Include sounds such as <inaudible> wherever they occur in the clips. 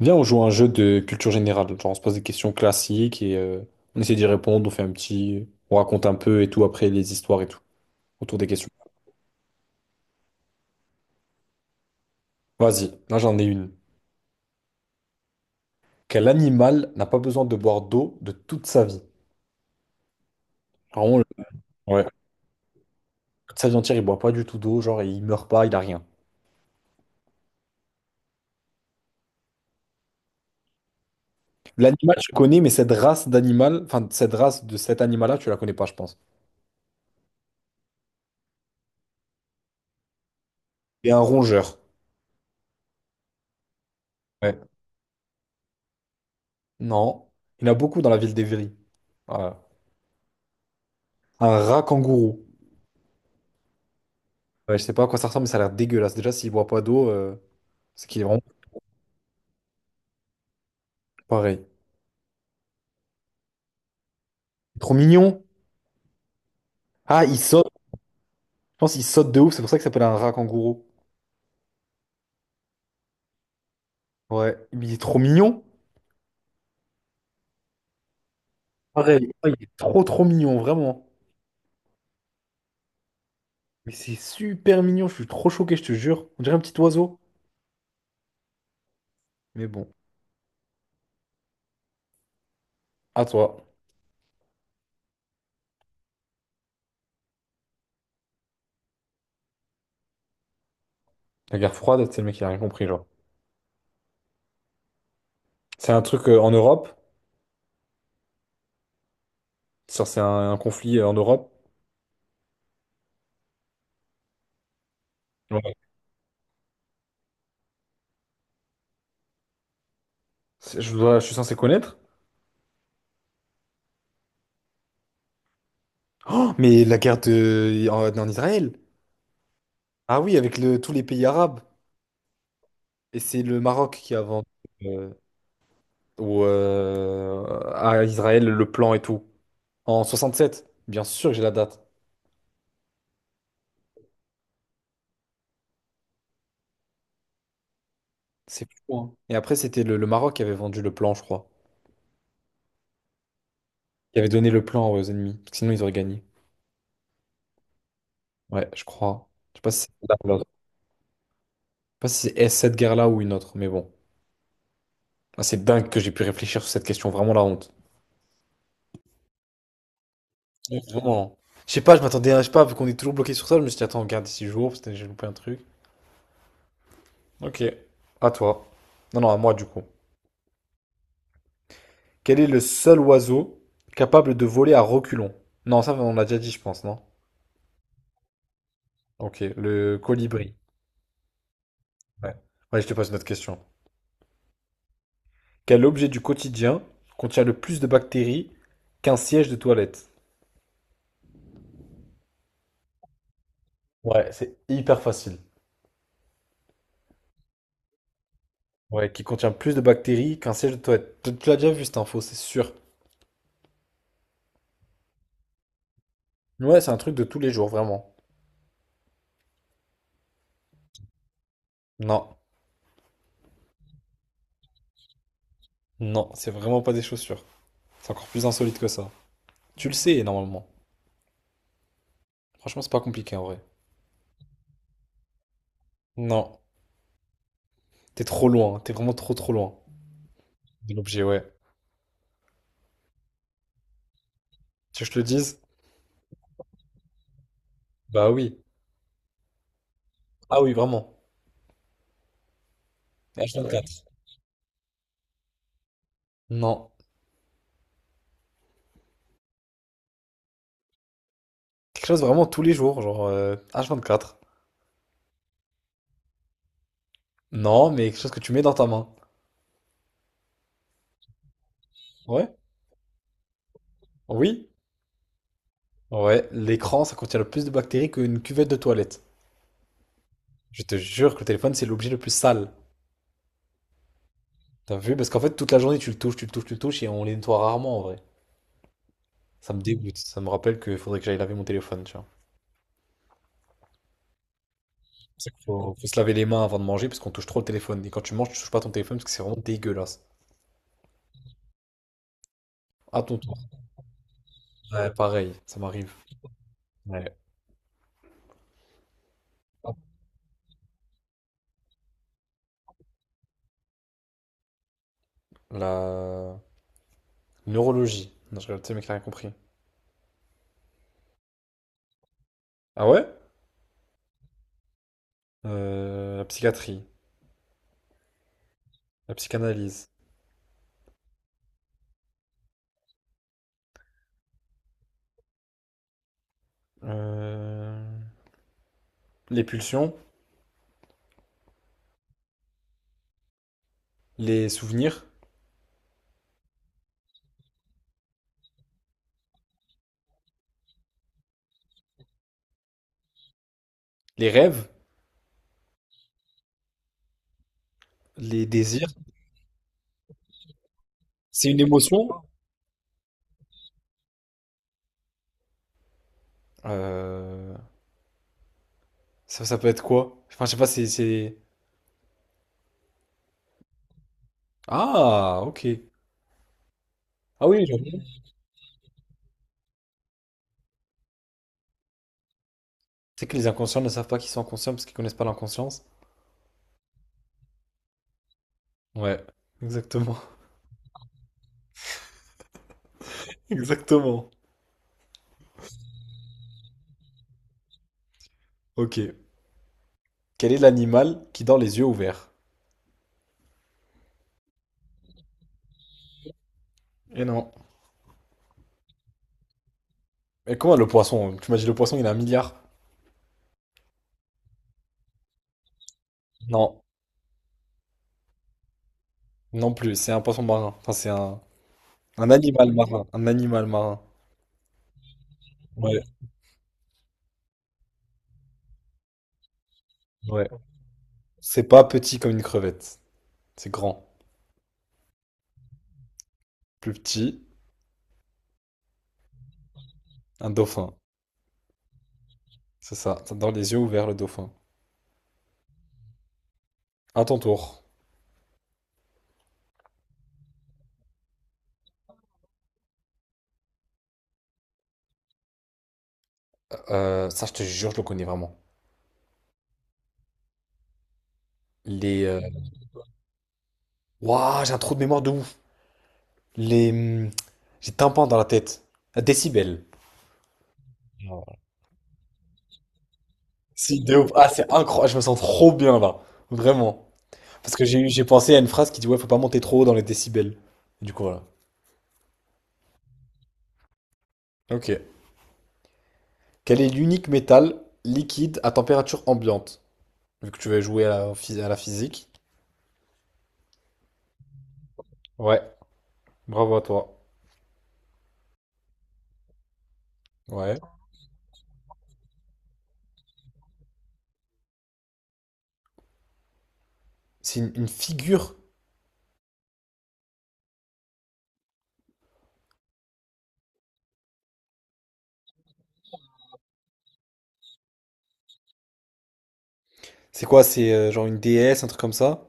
Viens, on joue à un jeu de culture générale. Genre, on se pose des questions classiques et on essaie d'y répondre. On fait un petit. On raconte un peu et tout après les histoires et tout autour des questions. Vas-y, là j'en ai une. Quel animal n'a pas besoin de boire d'eau de toute sa vie? Vraiment, ouais. Toute sa vie entière, il boit pas du tout d'eau. Genre, il meurt pas, il a rien. L'animal, je connais, mais cette race d'animal, enfin, cette race de cet animal-là, tu la connais pas, je pense. Et un rongeur. Ouais. Non. Il y en a beaucoup dans la ville d'Évry. Voilà. Un rat kangourou. Ouais, je sais pas à quoi ça ressemble, mais ça a l'air dégueulasse. Déjà, s'il boit pas d'eau, c'est qu'il est vraiment pareil. Trop mignon. Ah, il saute. Je pense qu'il saute de ouf, c'est pour ça qu'il s'appelle un rat kangourou. Ouais, mais il est trop mignon. Pareil. Ah, il est trop trop mignon, vraiment. Mais c'est super mignon, je suis trop choqué, je te jure. On dirait un petit oiseau. Mais bon, à toi. La guerre froide, c'est le mec qui a rien compris, genre. C'est un truc en Europe. Ça, c'est un conflit en Europe. Ouais. Je suis censé connaître. Oh, mais la guerre de... en Israël. Ah oui, tous les pays arabes. Et c'est le Maroc qui a vendu euh, à Israël le plan et tout. En 67. Bien sûr que j'ai la date. C'est fou, hein. Et après, c'était le Maroc qui avait vendu le plan, je crois. Qui avait donné le plan aux ennemis. Parce que sinon, ils auraient gagné. Ouais, je crois. Je sais pas si c'est là ou l'autre. Je sais pas si c'est cette guerre-là ou une autre, mais bon. Ah, c'est dingue que j'ai pu réfléchir sur cette question. Vraiment la honte. Ouais, vraiment. Je sais pas, je m'attendais à, je sais pas, vu qu'on est toujours bloqué sur ça, je me suis dit, attends, on garde 6 jours, parce que j'ai loupé un truc. Ok. À toi. Non, non, à moi, du coup. Quel est le seul oiseau capable de voler à reculons? Non, ça on l'a déjà dit, je pense, non? Ok, le colibri. Ouais. Ouais, je te pose une autre question. Quel objet du quotidien contient le plus de bactéries qu'un siège de toilette? Ouais, c'est hyper facile. Ouais, qui contient plus de bactéries qu'un siège de toilette. Tu l'as déjà vu cette info, c'est sûr. Ouais, c'est un truc de tous les jours, vraiment. Non, non, c'est vraiment pas des chaussures. C'est encore plus insolite que ça. Tu le sais, normalement. Franchement, c'est pas compliqué en vrai. Non, t'es trop loin, t'es vraiment trop trop loin. De l'objet, ouais. Tu veux que je te le dise? Bah oui. Ah oui, vraiment. H24. Non. Quelque chose vraiment tous les jours, genre H24. Non, mais quelque chose que tu mets dans ta main. Ouais? Oui? Ouais. L'écran, ça contient le plus de bactéries qu'une cuvette de toilette. Je te jure que le téléphone, c'est l'objet le plus sale. T'as vu? Parce qu'en fait, toute la journée, tu le touches, tu le touches, tu le touches, et on les nettoie rarement, en vrai. Ça me dégoûte. Ça me rappelle qu'il faudrait que j'aille laver mon téléphone, tu vois. C'est pour ça qu'il faut, faut se laver les mains avant de manger, parce qu'on touche trop le téléphone. Et quand tu manges, tu touches pas ton téléphone, parce que c'est vraiment dégueulasse. À ton tour. Ouais, pareil, ça m'arrive. Ouais. Hop, la neurologie. Non, je rigole, tu sais, mec, t'as rien compris. Ah ouais? La psychiatrie, la psychanalyse, euh, les pulsions, les souvenirs, les rêves, les désirs. C'est une émotion? Euh, ça, ça peut être quoi? Enfin, je sais pas, c'est- Ah, ok. Ah oui, je vois. C'est que les inconscients ne savent pas qu'ils sont inconscients parce qu'ils connaissent pas l'inconscience. Ouais, exactement. <laughs> Exactement. Ok. Quel est l'animal qui dort les yeux ouverts? Et non. Mais comment le poisson? Tu m'as dit le poisson, il a un milliard? Non, non plus, c'est un poisson marin. Enfin, un animal marin. Un animal marin. Ouais, ouais. C'est pas petit comme une crevette. C'est grand. Plus petit, un dauphin. C'est ça. T'as dans les yeux ouverts, le dauphin. À ton tour. Ça, je te jure, je le connais vraiment. Les. Ouah, j'ai un trou de mémoire de ouf. Les. J'ai tympan dans la tête. La décibel. Non. Si, de ouf. Ah, c'est incroyable. Je me sens trop bien là. Vraiment. Parce que j'ai pensé à une phrase qui dit ouais, faut pas monter trop haut dans les décibels. Du coup, voilà. Ok. Quel est l'unique métal liquide à température ambiante? Vu que tu vas jouer à la, à la physique. Ouais, bravo à toi. Ouais. C'est une figure. C'est quoi? C'est genre une déesse, un truc comme ça?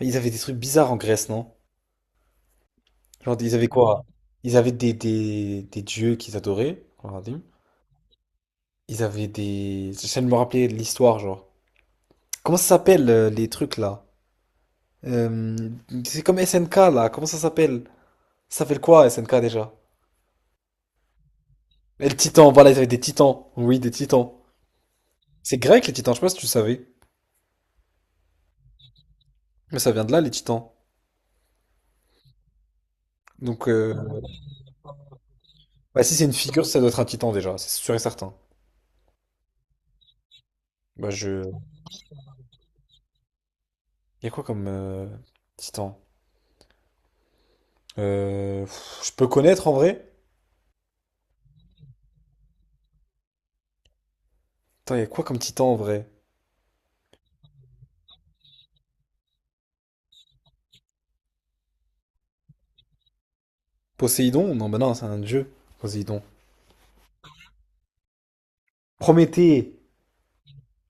Ils avaient des trucs bizarres en Grèce, non? Genre, ils avaient quoi? Ils avaient des dieux qu'ils adoraient. Regardez. Ils avaient des. J'essaie de me rappeler de l'histoire, genre. Comment ça s'appelle les trucs là? Euh, c'est comme SNK là, comment ça s'appelle? Ça s'appelle quoi SNK déjà? Et le Titan, voilà, ils avaient des Titans. Oui, des Titans. C'est grec les Titans, je sais pas si tu savais. Mais ça vient de là les Titans. Donc, bah, si c'est une figure, ça doit être un Titan déjà, c'est sûr et certain. Bah, je. Y a quoi comme Titan? Pff, je peux connaître en vrai? Attends, y a quoi comme Titan en vrai? Poséidon? Non, bah non, c'est un dieu, Poséidon. Prométhée!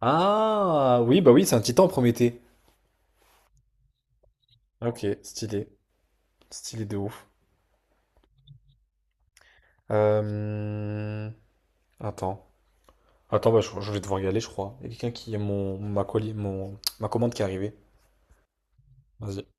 Ah, oui, bah oui, c'est un Titan, Prométhée. Ok, stylé. Stylé de ouf. Euh, Attends. Attends, bah, je vais devoir y aller, je crois. Il y a quelqu'un qui a colis, ma commande qui est arrivée. Vas-y.